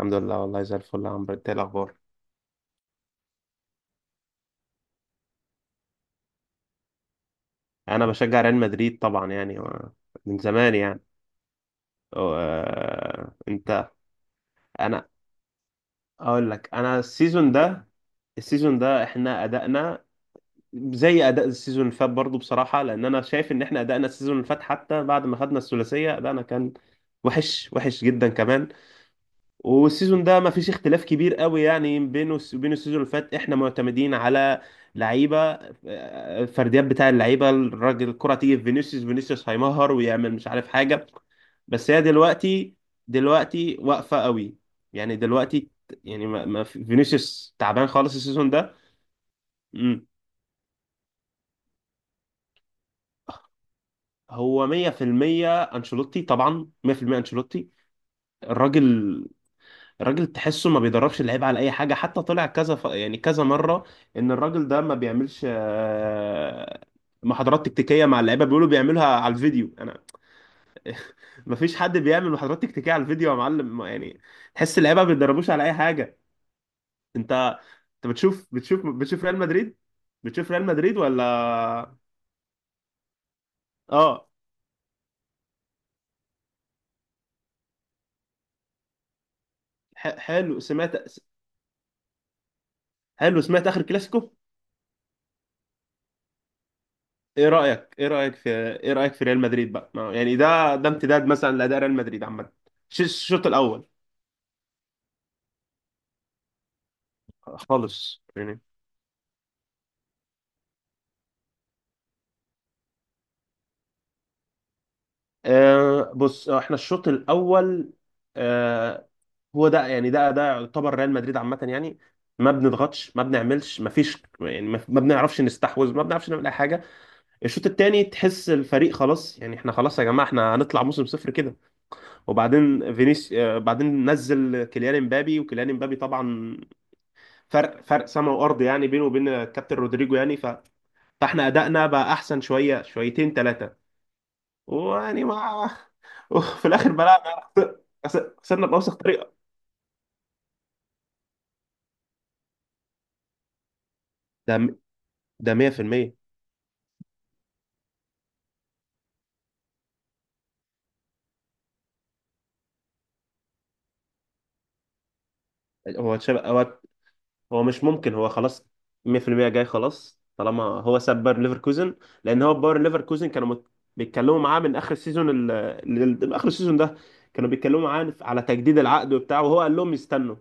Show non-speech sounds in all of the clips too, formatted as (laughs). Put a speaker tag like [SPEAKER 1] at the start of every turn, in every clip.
[SPEAKER 1] الحمد لله، والله زي الفل يا عمرو. انت ايه الاخبار؟ انا بشجع ريال مدريد طبعا، يعني من زمان يعني. انت؟ انا اقول لك، انا السيزون ده، السيزون ده احنا ادائنا زي اداء السيزون اللي فات برضه بصراحه، لان انا شايف ان احنا ادائنا السيزون اللي فات حتى بعد ما خدنا الثلاثيه ادائنا كان وحش جدا كمان. والسيزون ده ما فيش اختلاف كبير قوي يعني بينه وبين السيزون اللي فات. احنا معتمدين على لعيبه، فرديات بتاع اللعيبه، الراجل الكره تيجي في فينيسيوس، فينيسيوس هيمهر ويعمل مش عارف حاجه. بس هي دلوقتي، دلوقتي واقفه قوي يعني دلوقتي. يعني ما ما في- فينيسيوس تعبان خالص السيزون ده. مم. هو 100% انشيلوتي طبعا، 100% انشيلوتي. الراجل، الراجل تحسه ما بيدربش اللعيبه على اي حاجه. حتى طلع كذا يعني كذا مره ان الراجل ده ما بيعملش محاضرات تكتيكيه مع اللعيبه، بيقولوا بيعملها على الفيديو. انا ما فيش حد بيعمل محاضرات تكتيكيه على الفيديو يا معلم، يعني تحس اللعيبه ما بيدربوش على اي حاجه. انت، انت بتشوف ريال مدريد، بتشوف ريال مدريد ولا؟ اه. حلو سمعت، حلو سمعت اخر كلاسيكو. ايه رأيك في ايه رأيك في ريال مدريد بقى؟ يعني ده، ده امتداد مثلا لأداء ريال مدريد عامة؟ الشوط الأول خالص يعني. آه بص، احنا الشوط الأول آه، هو ده يعني، ده ده يعتبر ريال مدريد عامة يعني. ما بنضغطش، ما بنعملش، ما فيش، يعني ما ما بنعرفش نستحوذ، ما بنعرفش نعمل اي حاجه. الشوط الثاني تحس الفريق خلاص. يعني احنا خلاص يا جماعه، احنا هنطلع موسم صفر كده. وبعدين فينيس آه، بعدين نزل كيليان امبابي، وكيليان امبابي طبعا فرق سما وارض يعني بينه وبين الكابتن رودريجو يعني فاحنا ادائنا بقى احسن شويه، شويتين، ثلاثه. ويعني ما (laughs) وفي الاخر بلعنا، خسرنا باوسخ طريقه. ده ده 100%. هو تشابي، هو مش ممكن، هو خلاص 100% جاي خلاص طالما هو ساب باير ليفركوزن. لان هو باير ليفركوزن كانوا بيتكلموا معاه من اخر السيزون اخر السيزون ده. كانوا بيتكلموا معاه على تجديد العقد وبتاع، وهو قال لهم استنوا.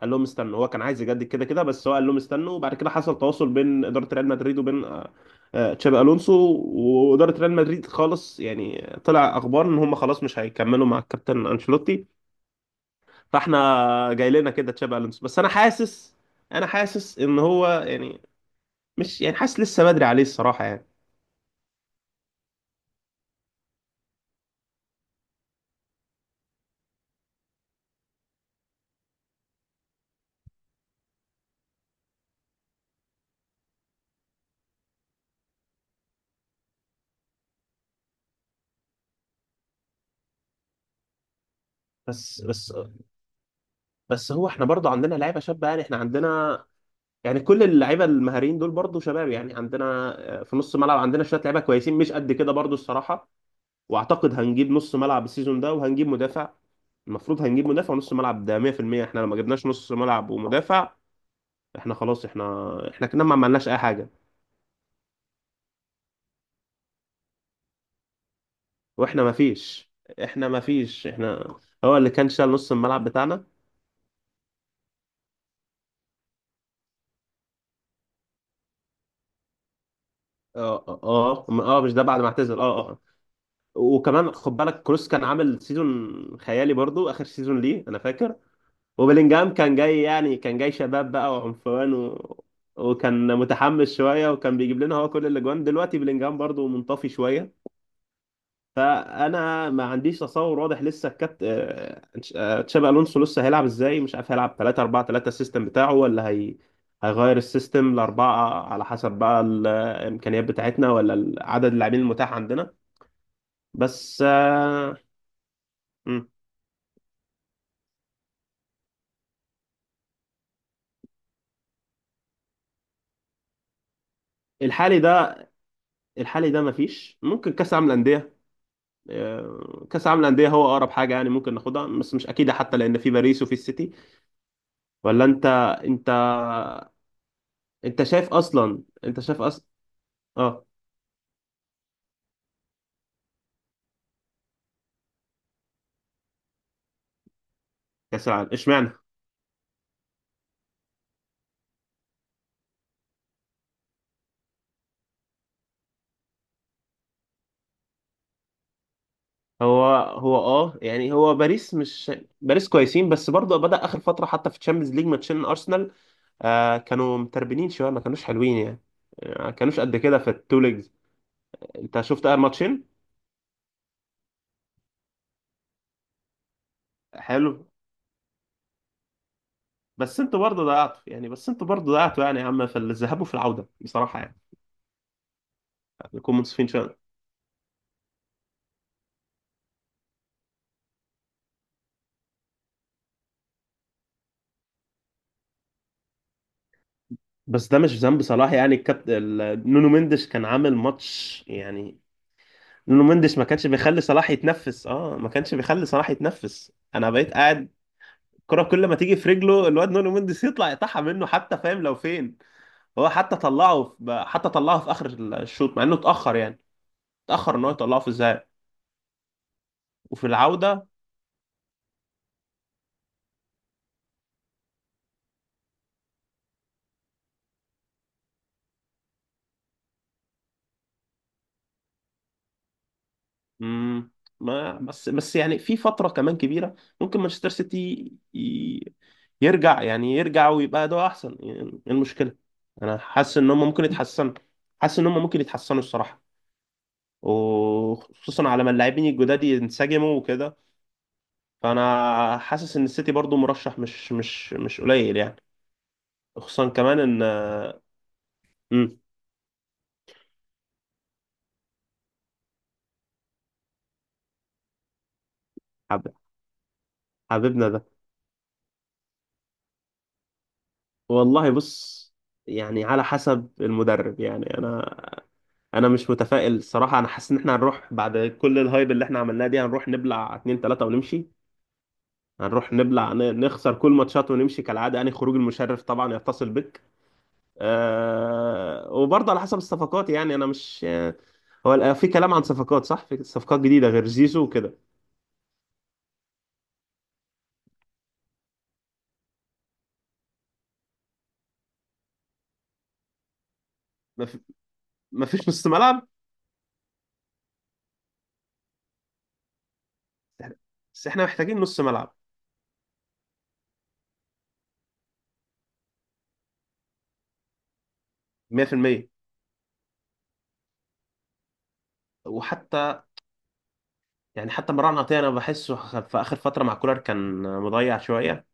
[SPEAKER 1] قال لهم استنوا، هو كان عايز يجدد كده كده، بس هو قال لهم استنوا. وبعد كده حصل تواصل بين اداره ريال مدريد وبين، تشابي الونسو. واداره ريال مدريد خالص، يعني طلع اخبار ان هم خلاص مش هيكملوا مع الكابتن انشيلوتي. فاحنا جاي لنا كده تشابي الونسو. بس انا حاسس، انا حاسس ان هو يعني، مش يعني حاسس، لسه بدري عليه الصراحه يعني. بس بس بس هو احنا برضه عندنا لعيبه شابه. يعني احنا عندنا، يعني كل اللعيبه المهاريين دول برضه شباب يعني. عندنا في نص الملعب عندنا شويه لعيبه كويسين، مش قد كده برضه الصراحه. واعتقد هنجيب نص ملعب السيزون ده وهنجيب مدافع. المفروض هنجيب مدافع ونص ملعب، ده 100%. احنا لما جبناش نص ملعب ومدافع، احنا خلاص. احنا، احنا كنا ما عملناش اي حاجه. واحنا ما فيش، احنا ما فيش، احنا هو اللي كان شال نص الملعب بتاعنا. اه اه اه، مش ده بعد ما اعتزل، اه اه. وكمان خد بالك كروس كان عامل سيزون خيالي برضو، اخر سيزون ليه انا فاكر. وبلينجهام كان جاي يعني، كان جاي شباب بقى وعنفوان وكان متحمس شويه وكان بيجيب لنا هو كل الاجوان. دلوقتي بلينجهام برضو منطفي شويه. فانا ما عنديش تصور واضح لسه. الكابت آه، آه، تشابي الونسو لسه هيلعب ازاي مش عارف. هيلعب 3 4 3 السيستم بتاعه، ولا هي هيغير السيستم لأربعة على حسب بقى الإمكانيات بتاعتنا ولا عدد اللاعبين المتاح عندنا. بس آه، مم. الحالي ده، الحالي ده مفيش. ممكن كأس العالم للأندية، كأس العالم للأندية هو أقرب حاجة يعني ممكن ناخدها، بس مش أكيدة حتى، لأن في باريس وفي السيتي. ولا أنت، أنت أنت شايف أصلا، أنت شايف أصلا؟ أه، كأس العالم اشمعنى؟ هو هو اه يعني، هو باريس مش، باريس كويسين بس برضه بدأ اخر فتره. حتى في تشامبيونز ليج ماتشين ارسنال آه كانوا متربنين شويه، ما كانوش حلوين يعني، ما كانوش قد كده في التو ليجز. انت شفت اخر ماتشين؟ حلو. بس انتوا برضه ضيعتوا يعني يا عم في الذهاب وفي العوده، بصراحه يعني نكون منصفين شويه. بس ده مش ذنب صلاح يعني. الكابتن نونو مندش كان عامل ماتش يعني. نونو مندش ما كانش بيخلي صلاح يتنفس، اه ما كانش بيخلي صلاح يتنفس. انا بقيت قاعد الكرة كل ما تيجي في رجله الواد نونو مندس يطلع يقطعها منه حتى فاهم لو فين. هو حتى طلعه في، حتى طلعه في اخر الشوط مع انه اتأخر يعني. اتأخر ان هو يطلعه في الذهاب وفي العودة. مم، ما بس بس يعني في فترة كمان كبيرة ممكن مانشستر سيتي ي- يرجع، يعني يرجع ويبقى ده احسن. يعني ايه المشكلة؟ انا حاسس ان هم ممكن يتحسنوا، حاسس ان هم ممكن يتحسنوا الصراحة. وخصوصا على ما اللاعبين الجداد ينسجموا وكده. فانا حاسس ان السيتي برضو مرشح مش قليل يعني. خصوصا كمان ان، امم حب... حبيبنا ده، والله بص، يعني على حسب المدرب. يعني انا، انا مش متفائل الصراحه. انا حاسس ان احنا هنروح بعد كل الهايب اللي احنا عملناه دي هنروح نبلع 2 3 ونمشي. هنروح نبلع نخسر كل ماتشات ونمشي كالعاده يعني، خروج المشرف طبعا، يتصل بك. وبرضه على حسب الصفقات. يعني انا مش، في كلام عن صفقات. صح، في صفقات جديده غير زيزو وكده؟ مفيش نص ملعب. بس احنا محتاجين نص ملعب 100%. وحتى يعني حتى مروان عطية انا بحسه في اخر فترة مع كولر كان مضيع شوية.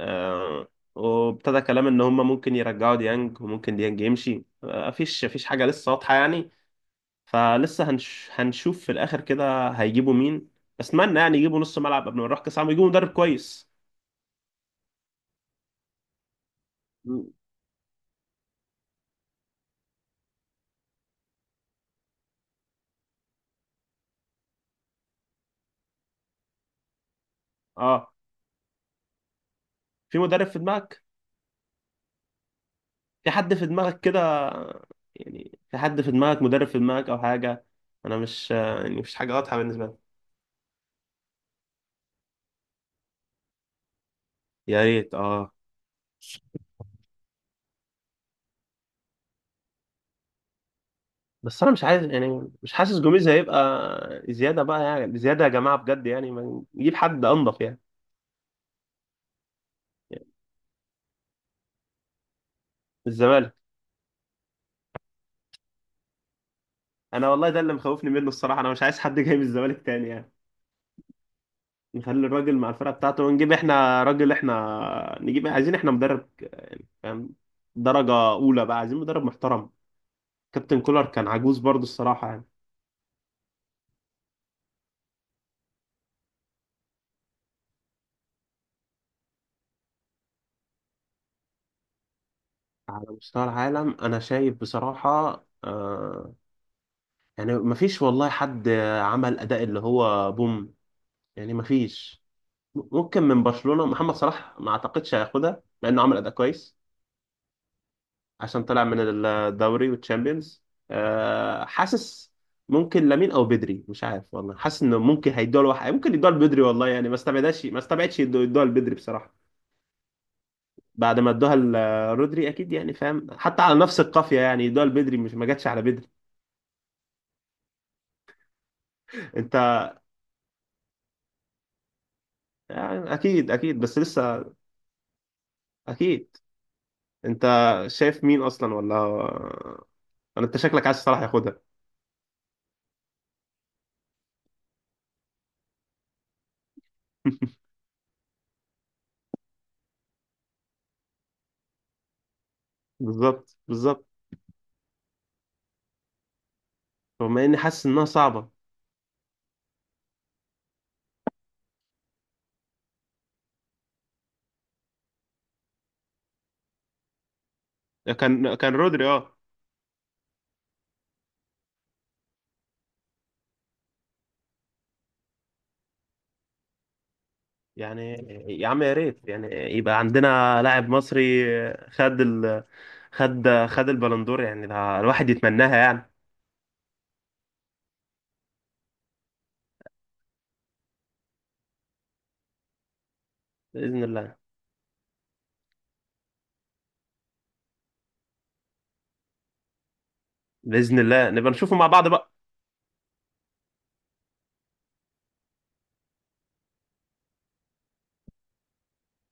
[SPEAKER 1] آه، وابتدى كلام ان هم ممكن يرجعوا ديانج، وممكن ديانج يمشي. مفيش حاجة لسه واضحة يعني. فلسه هنشوف في الاخر كده هيجيبوا مين. اتمنى يعني يجيبوا نص ملعب قبل ما نروح كاس عالم، يجيبوا مدرب كويس. م- اه، في مدرب في دماغك؟ في حد في دماغك كده؟ يعني في حد في دماغك، مدرب في دماغك او حاجه؟ انا مش، يعني مش حاجه واضحه بالنسبه لي. يا ريت اه. بس انا مش عايز يعني، مش حاسس جوميز هيبقى. زياده بقى يعني، زياده يا جماعه بجد يعني، ما نجيب حد انضف يعني. يعني من الزمالك، انا والله ده اللي مخوفني منه الصراحه. انا مش عايز حد جاي من الزمالك تاني يعني. نخلي الراجل مع الفرقه بتاعته، ونجيب احنا راجل. احنا نجيب، عايزين احنا مدرب يعني فاهم، درجه اولى بقى، عايزين مدرب محترم. كابتن كولر كان عجوز برضه الصراحه يعني. على مستوى العالم انا شايف بصراحة آه، يعني مفيش والله حد عمل اداء اللي هو بوم يعني. مفيش. ممكن من برشلونة، محمد صلاح ما اعتقدش هياخدها مع انه عمل اداء كويس، عشان طلع من الدوري والتشامبيونز. آه حاسس ممكن لامين او بدري مش عارف والله. حاسس انه ممكن هيدوها لواحد، ممكن يدوها لبدري والله يعني. ما استبعدش، ما استبعدش يدوها لبدري بصراحة. بعد ما ادوها لرودري اكيد يعني فاهم، حتى على نفس القافية يعني، يدوها لبدري مش ما جاتش على بدري. انت يعني، اكيد بس لسه، اكيد. انت شايف مين اصلا ولا؟ انا، انت شكلك عايز صلاح ياخدها؟ (laughs) بالظبط، بالظبط. رغم اني حاسس انها صعبه. كان رودري اه يعني. يا عم يا ريت يعني يبقى عندنا لاعب مصري خد ال، خد البالندور. يعني ده الواحد يتمناها يعني. باذن الله، باذن الله نبقى نشوفه مع بعض بقى.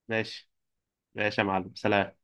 [SPEAKER 1] ماشي، ماشي يا معلم، سلام.